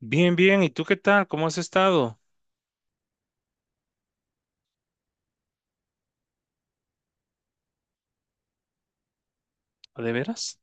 Bien, bien. ¿Y tú qué tal? ¿Cómo has estado? ¿A de veras?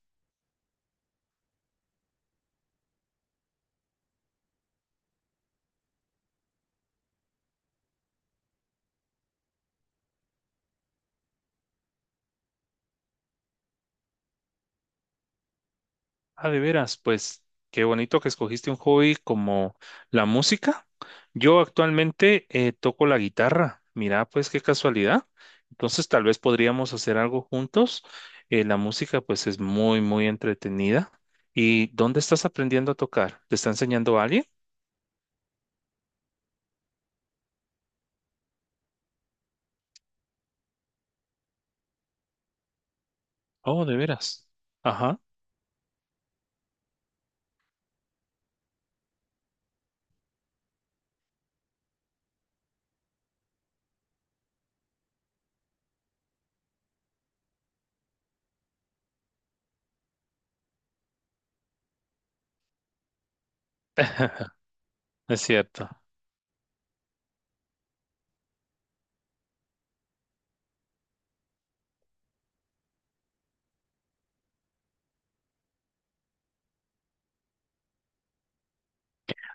¿A de veras? Pues qué bonito que escogiste un hobby como la música. Yo actualmente toco la guitarra. Mira, pues qué casualidad. Entonces tal vez podríamos hacer algo juntos. La música pues es muy, muy entretenida. ¿Y dónde estás aprendiendo a tocar? ¿Te está enseñando alguien? Oh, de veras. Ajá. Es cierto.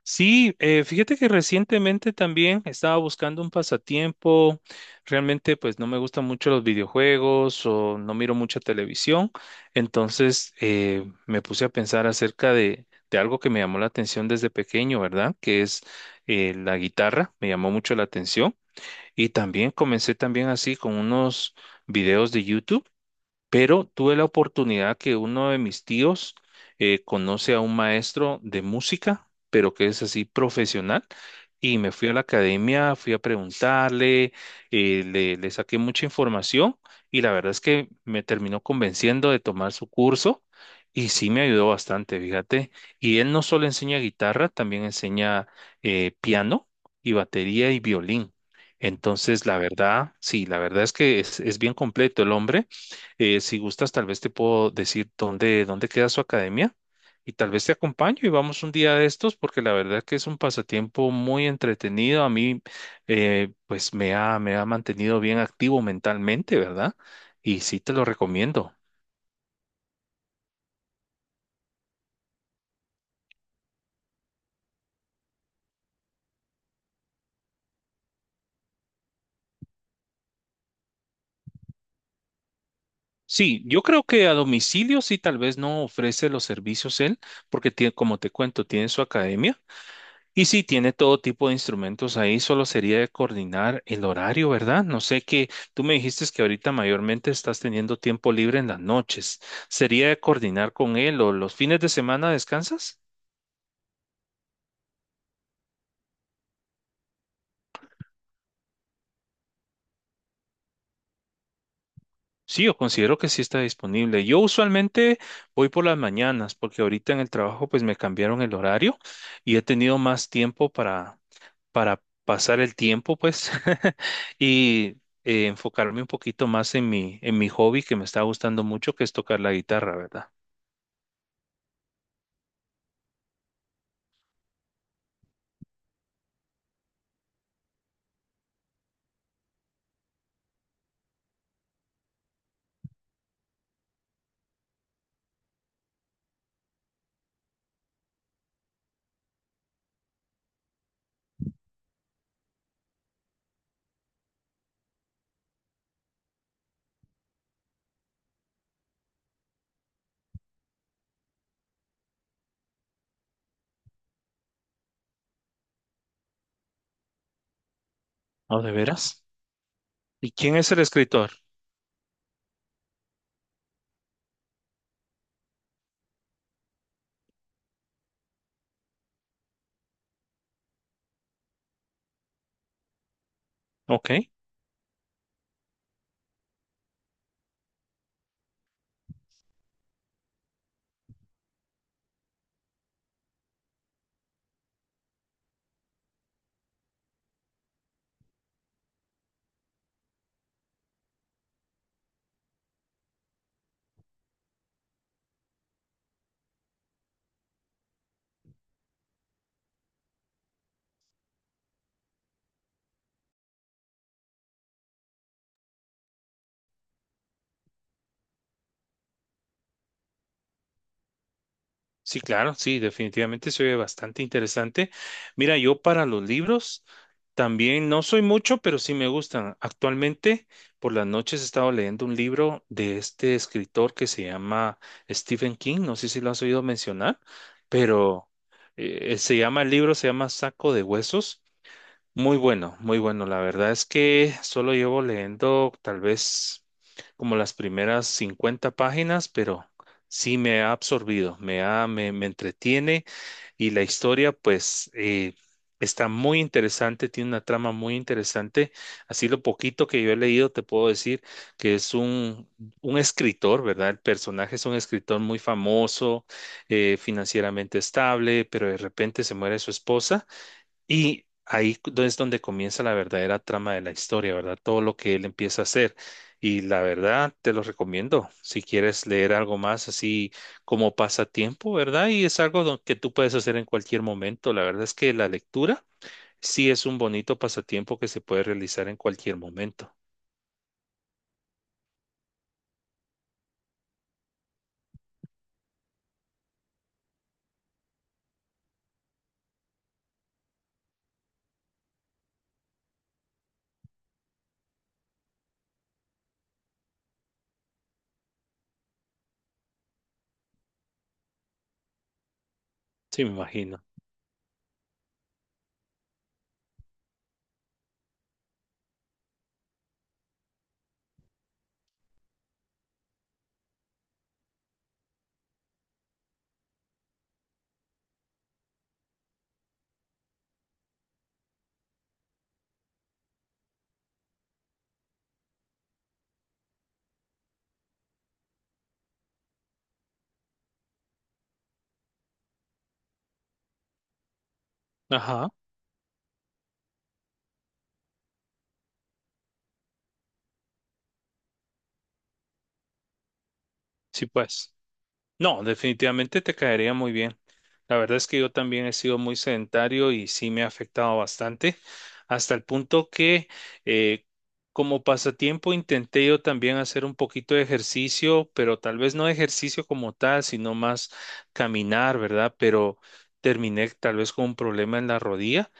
Sí, fíjate que recientemente también estaba buscando un pasatiempo. Realmente, pues no me gustan mucho los videojuegos o no miro mucha televisión. Entonces, me puse a pensar acerca de algo que me llamó la atención desde pequeño, ¿verdad? Que es la guitarra. Me llamó mucho la atención. Y también comencé también así con unos videos de YouTube, pero tuve la oportunidad que uno de mis tíos conoce a un maestro de música, pero que es así profesional, y me fui a la academia, fui a preguntarle, le saqué mucha información y la verdad es que me terminó convenciendo de tomar su curso. Y sí me ayudó bastante, fíjate. Y él no solo enseña guitarra, también enseña piano y batería y violín. Entonces, la verdad, sí, la verdad es que es bien completo el hombre. Si gustas, tal vez te puedo decir dónde, dónde queda su academia y tal vez te acompaño y vamos un día de estos porque la verdad que es un pasatiempo muy entretenido. A mí, pues me ha mantenido bien activo mentalmente, ¿verdad? Y sí te lo recomiendo. Sí, yo creo que a domicilio sí tal vez no ofrece los servicios él porque tiene, como te cuento, tiene su academia. Y sí, tiene todo tipo de instrumentos ahí, solo sería de coordinar el horario, ¿verdad? No sé qué, tú me dijiste que ahorita mayormente estás teniendo tiempo libre en las noches. ¿Sería de coordinar con él o los fines de semana descansas? Sí, yo considero que sí está disponible. Yo usualmente voy por las mañanas porque ahorita en el trabajo pues me cambiaron el horario y he tenido más tiempo para pasar el tiempo pues y enfocarme un poquito más en en mi hobby que me está gustando mucho que es tocar la guitarra, ¿verdad? ¿No, de veras? ¿Y quién es el escritor? Ok. Sí, claro, sí, definitivamente se oye bastante interesante. Mira, yo para los libros también no soy mucho, pero sí me gustan. Actualmente, por las noches he estado leyendo un libro de este escritor que se llama Stephen King. No sé si lo has oído mencionar, pero se llama, el libro se llama Saco de Huesos. Muy bueno, muy bueno. La verdad es que solo llevo leyendo tal vez como las primeras 50 páginas, pero sí me ha absorbido, me entretiene y la historia pues está muy interesante, tiene una trama muy interesante. Así lo poquito que yo he leído te puedo decir que es un escritor, ¿verdad? El personaje es un escritor muy famoso, financieramente estable, pero de repente se muere su esposa y ahí es donde comienza la verdadera trama de la historia, ¿verdad? Todo lo que él empieza a hacer. Y la verdad, te lo recomiendo. Si quieres leer algo más así como pasatiempo, ¿verdad? Y es algo que tú puedes hacer en cualquier momento. La verdad es que la lectura sí es un bonito pasatiempo que se puede realizar en cualquier momento. Sí, me imagino. Ajá. Sí, pues. No, definitivamente te caería muy bien. La verdad es que yo también he sido muy sedentario y sí me ha afectado bastante, hasta el punto que eh, como pasatiempo intenté yo también hacer un poquito de ejercicio, pero tal vez no ejercicio como tal, sino más caminar, ¿verdad? Pero terminé tal vez con un problema en la rodilla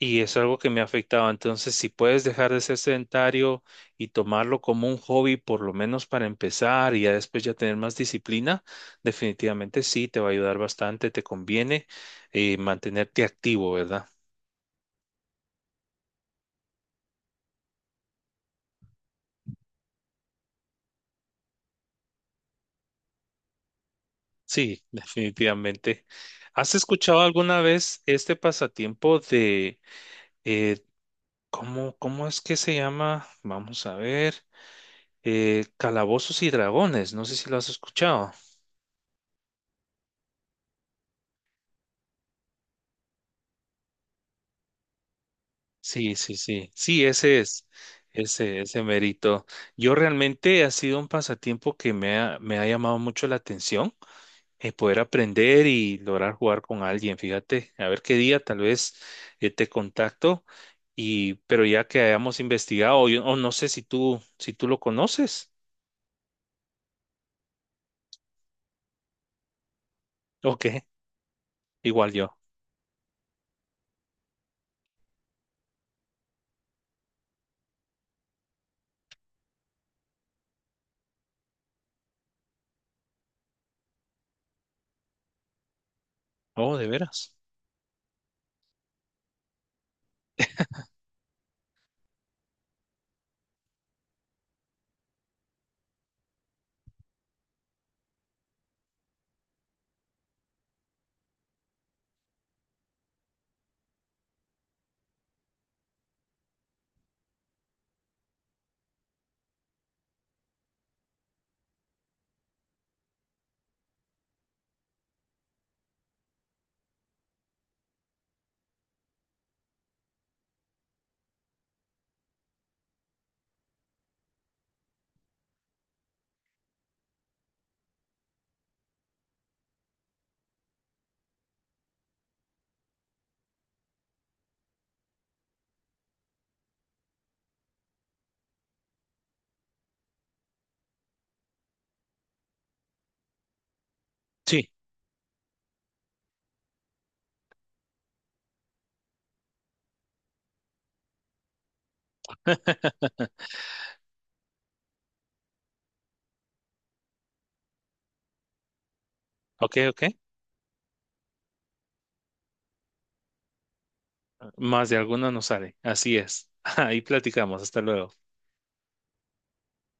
y es algo que me ha afectado. Entonces, si puedes dejar de ser sedentario y tomarlo como un hobby, por lo menos para empezar y ya después ya tener más disciplina. Definitivamente sí, te va a ayudar bastante, te conviene mantenerte activo, ¿verdad? Sí, definitivamente. ¿Has escuchado alguna vez este pasatiempo de, eh, cómo, es que se llama? Vamos a ver, Calabozos y Dragones, no sé si lo has escuchado. Sí, sí, sí, sí, ese es, ese mérito. Yo realmente ha sido un pasatiempo que me ha llamado mucho la atención. Poder aprender y lograr jugar con alguien. Fíjate, a ver qué día tal vez te contacto y pero ya que hayamos investigado, yo o no sé si tú si tú lo conoces. Ok, igual yo. Oh, de veras. Sí, ok, ok. Más de alguna nos sale. Así es. Ahí platicamos. Hasta luego.